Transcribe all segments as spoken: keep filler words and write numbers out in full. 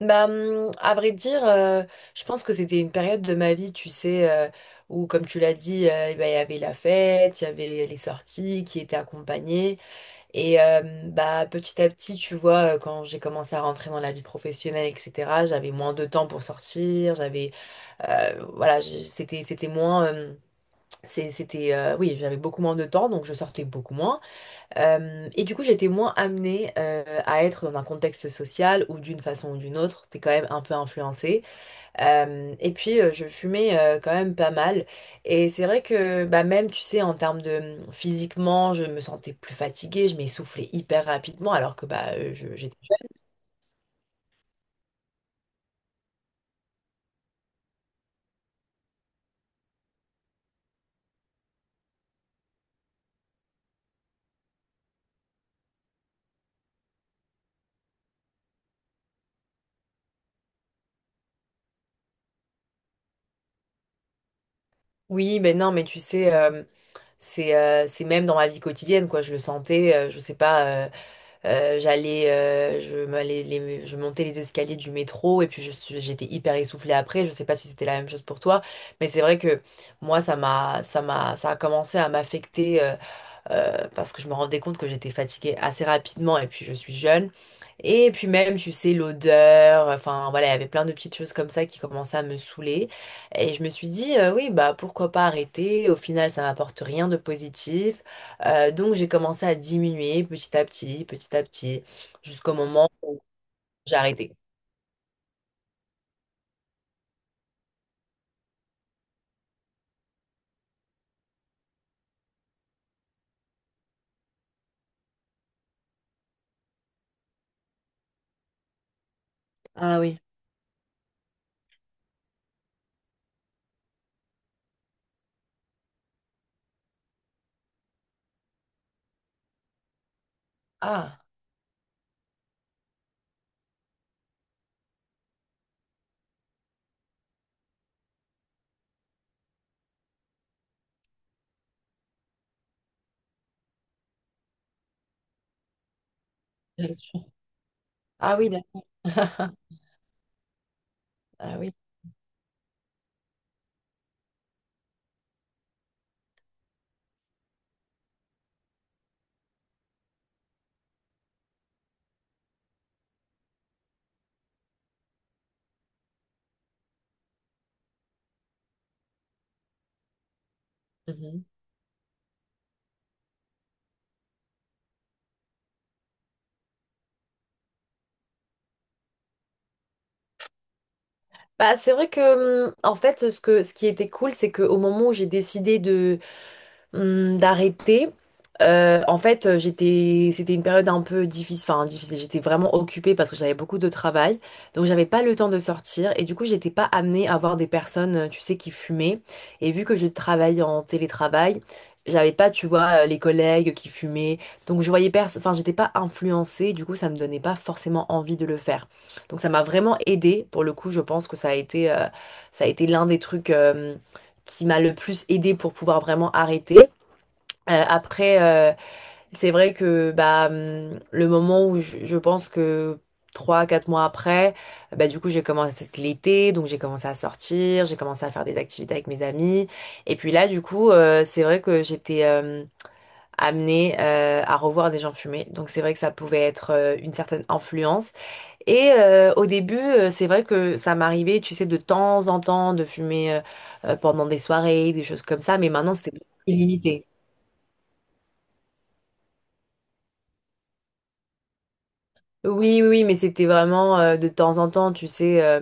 Bah, hum, à vrai dire, euh, je pense que c'était une période de ma vie, tu sais, euh, où, comme tu l'as dit, euh, eh ben, il y avait la fête, il y avait les sorties qui étaient accompagnées. Et euh, bah, petit à petit, tu vois, euh, quand j'ai commencé à rentrer dans la vie professionnelle, et cetera, j'avais moins de temps pour sortir, j'avais, euh, voilà, j'ai- c'était, c'était moins, euh, c'est- c'était, euh, oui, j'avais beaucoup moins de temps, donc je sortais beaucoup moins. Euh, et du coup, j'étais moins amenée euh, à être dans un contexte social ou d'une façon ou d'une autre, t'es quand même un peu influencée. Euh, et puis, euh, je fumais euh, quand même pas mal. Et c'est vrai que bah, même, tu sais, en termes de physiquement, je me sentais plus fatiguée, je m'essoufflais hyper rapidement alors que bah, euh, je- j'étais... Oui, mais non, mais tu sais, euh, c'est euh, c'est même dans ma vie quotidienne, quoi. Je le sentais, euh, je sais pas, euh, Euh, j'allais, euh, je, m'allais les- je montais les escaliers du métro et puis je suis- j'étais hyper essoufflée après. Je sais pas si c'était la même chose pour toi, mais c'est vrai que moi, ça m'a, ça m'a, ça a commencé à m'affecter euh, euh, parce que je me rendais compte que j'étais fatiguée assez rapidement et puis je suis jeune. Et puis même, tu sais, l'odeur, enfin voilà, il y avait plein de petites choses comme ça qui commençaient à me saouler. Et je me suis dit, euh, oui, bah pourquoi pas arrêter? Au final, ça m'apporte rien de positif. Euh, donc j'ai commencé à diminuer petit à petit, petit à petit, jusqu'au moment où j'ai arrêté. Ah oui. Ah. Ah oui, d'accord. Ah oui. Mhm. Bah, c'est vrai que, hum, en fait, ce que, ce qui était cool, c'est qu'au moment où j'ai décidé hum, d'arrêter. Euh, en fait, euh, j'étais, c'était une période un peu difficile, enfin difficile. J'étais vraiment occupée parce que j'avais beaucoup de travail, donc j'avais pas le temps de sortir et du coup, j'étais pas amenée à voir des personnes, euh, tu sais, qui fumaient. Et vu que je travaille en télétravail, j'avais pas, tu vois, euh, les collègues qui fumaient, donc je voyais personne. Enfin, j'étais pas influencée. Du coup, ça me donnait pas forcément envie de le faire. Donc, ça m'a vraiment aidée. Pour le coup, je pense que ça a été, euh, ça a été l'un des trucs. euh, qui m'a le plus aidée pour pouvoir vraiment arrêter. Euh, après, euh, c'est vrai que bah, hum, le moment où je, je pense que trois, quatre mois après, bah, du coup, j'ai commencé c'était l'été, donc j'ai commencé à sortir, j'ai commencé à faire des activités avec mes amis. Et puis là, du coup, euh, c'est vrai que j'étais euh, amenée euh, à revoir des gens fumer. Donc c'est vrai que ça pouvait être euh, une certaine influence. Et euh, au début, euh, c'est vrai que ça m'arrivait, tu sais, de temps en temps de fumer euh, euh, pendant des soirées, des choses comme ça, mais maintenant, c'était limité. Oui, oui, oui, mais c'était vraiment euh, de temps en temps, tu sais, euh,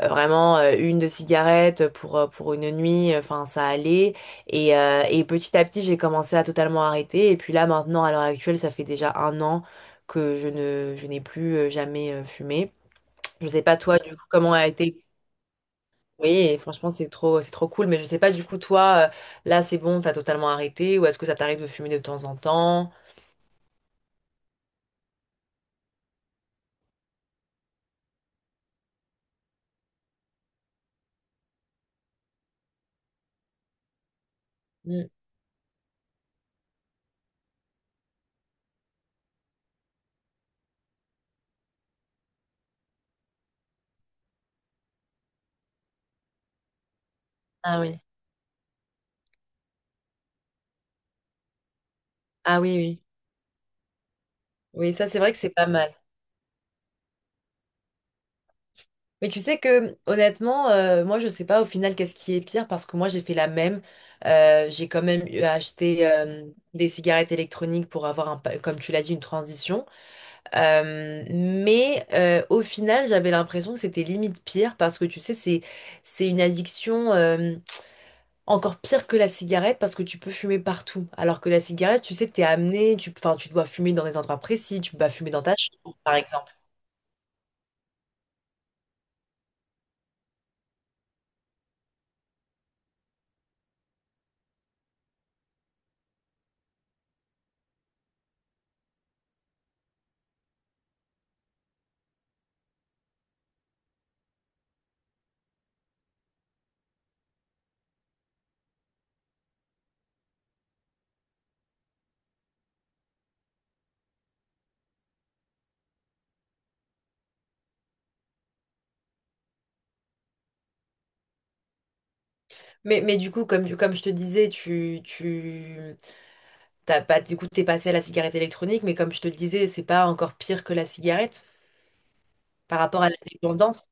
euh, vraiment euh, une de cigarettes pour, euh, pour une nuit, euh, enfin ça allait. Et, euh, et petit à petit, j'ai commencé à totalement arrêter. Et puis là, maintenant, à l'heure actuelle, ça fait déjà un an que je ne, je n'ai plus euh, jamais euh, fumé. Je sais pas toi, du coup, comment a été. Oui, et franchement, c'est trop, c'est trop cool. Mais je sais pas, du coup, toi, euh, là, c'est bon, t'as totalement arrêté, ou est-ce que ça t'arrive de fumer de temps en temps? Mm. Ah oui. Ah oui, oui. Oui, ça, c'est vrai que c'est pas mal. Mais tu sais que honnêtement, euh, moi je sais pas au final qu'est-ce qui est pire parce que moi j'ai fait la même. Euh, j'ai quand même eu à acheter euh, des cigarettes électroniques pour avoir un, pa- comme tu l'as dit, une transition. Euh, mais euh, au final, j'avais l'impression que c'était limite pire parce que tu sais, c'est c'est une addiction euh, encore pire que la cigarette parce que tu peux fumer partout. Alors que la cigarette, tu sais, t'es amené, tu, enfin, tu dois fumer dans des endroits précis, tu peux pas fumer dans ta chambre, par exemple. Mais, mais du coup, comme, comme je te disais, tu, tu t'as pas, du coup, t'es passé à la cigarette électronique, mais comme je te le disais, c'est pas encore pire que la cigarette par rapport à la dépendance.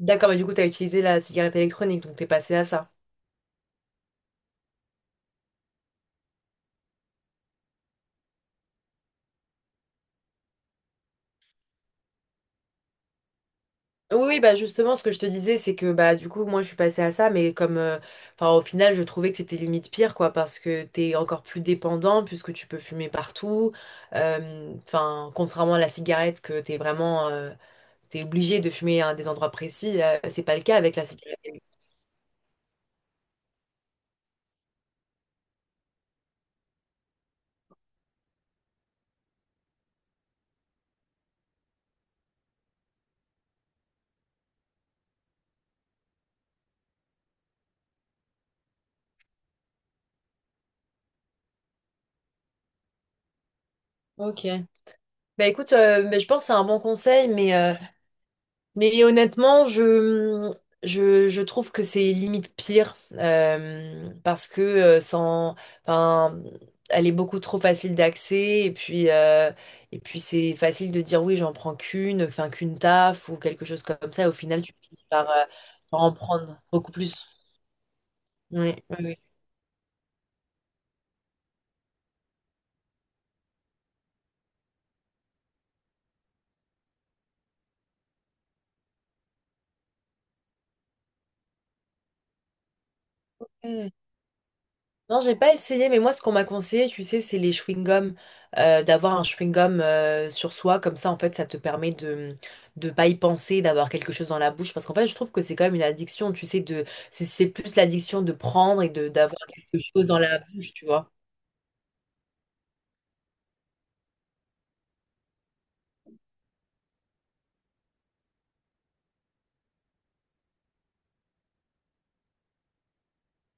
D'accord, mais du coup, t'as utilisé la cigarette électronique, donc t'es passé à ça. Oui, oui, bah justement, ce que je te disais, c'est que bah du coup, moi, je suis passée à ça, mais comme, euh, enfin, au final, je trouvais que c'était limite pire, quoi, parce que t'es encore plus dépendant puisque tu peux fumer partout. Euh, Enfin, contrairement à la cigarette, que t'es vraiment, euh, t'es obligé de fumer à des endroits précis, là, c'est pas le cas avec la cigarette. Ok. Bah écoute, euh, mais je pense que c'est un bon conseil, mais, euh, mais honnêtement, je, je, je trouve que c'est limite pire euh, parce que euh, sans, enfin, elle est beaucoup trop facile d'accès et puis, euh, et puis c'est facile de dire oui, j'en prends qu'une, enfin qu'une taf ou quelque chose comme ça. Et au final, tu finis par, euh, par en prendre beaucoup plus. Oui, oui, oui. Non, j'ai pas essayé, mais moi, ce qu'on m'a conseillé, tu sais, c'est les chewing-gums, euh, d'avoir un chewing-gum euh, sur soi, comme ça, en fait, ça te permet de de pas y penser, d'avoir quelque chose dans la bouche, parce qu'en fait, je trouve que c'est quand même une addiction, tu sais, de c'est c'est plus l'addiction de prendre et de d'avoir quelque chose dans la bouche, tu vois.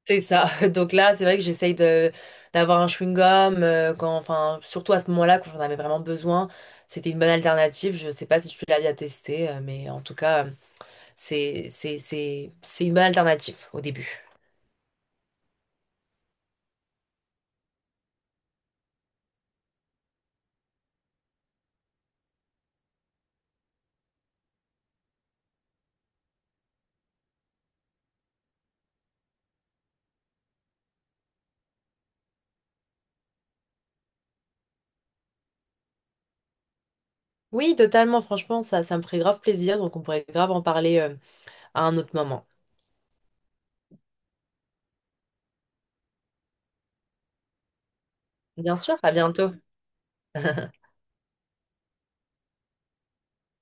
C'est ça. Donc là, c'est vrai que j'essaye de d'avoir un chewing-gum euh, quand, enfin, surtout à ce moment-là, quand j'en avais vraiment besoin, c'était une bonne alternative. Je sais pas si tu l'as déjà testé, euh, mais en tout cas. C'est, c'est, c'est, c'est une bonne alternative au début. Oui, totalement, franchement, ça, ça me ferait grave plaisir, donc on pourrait grave en parler euh, à un autre moment. Bien sûr, à bientôt.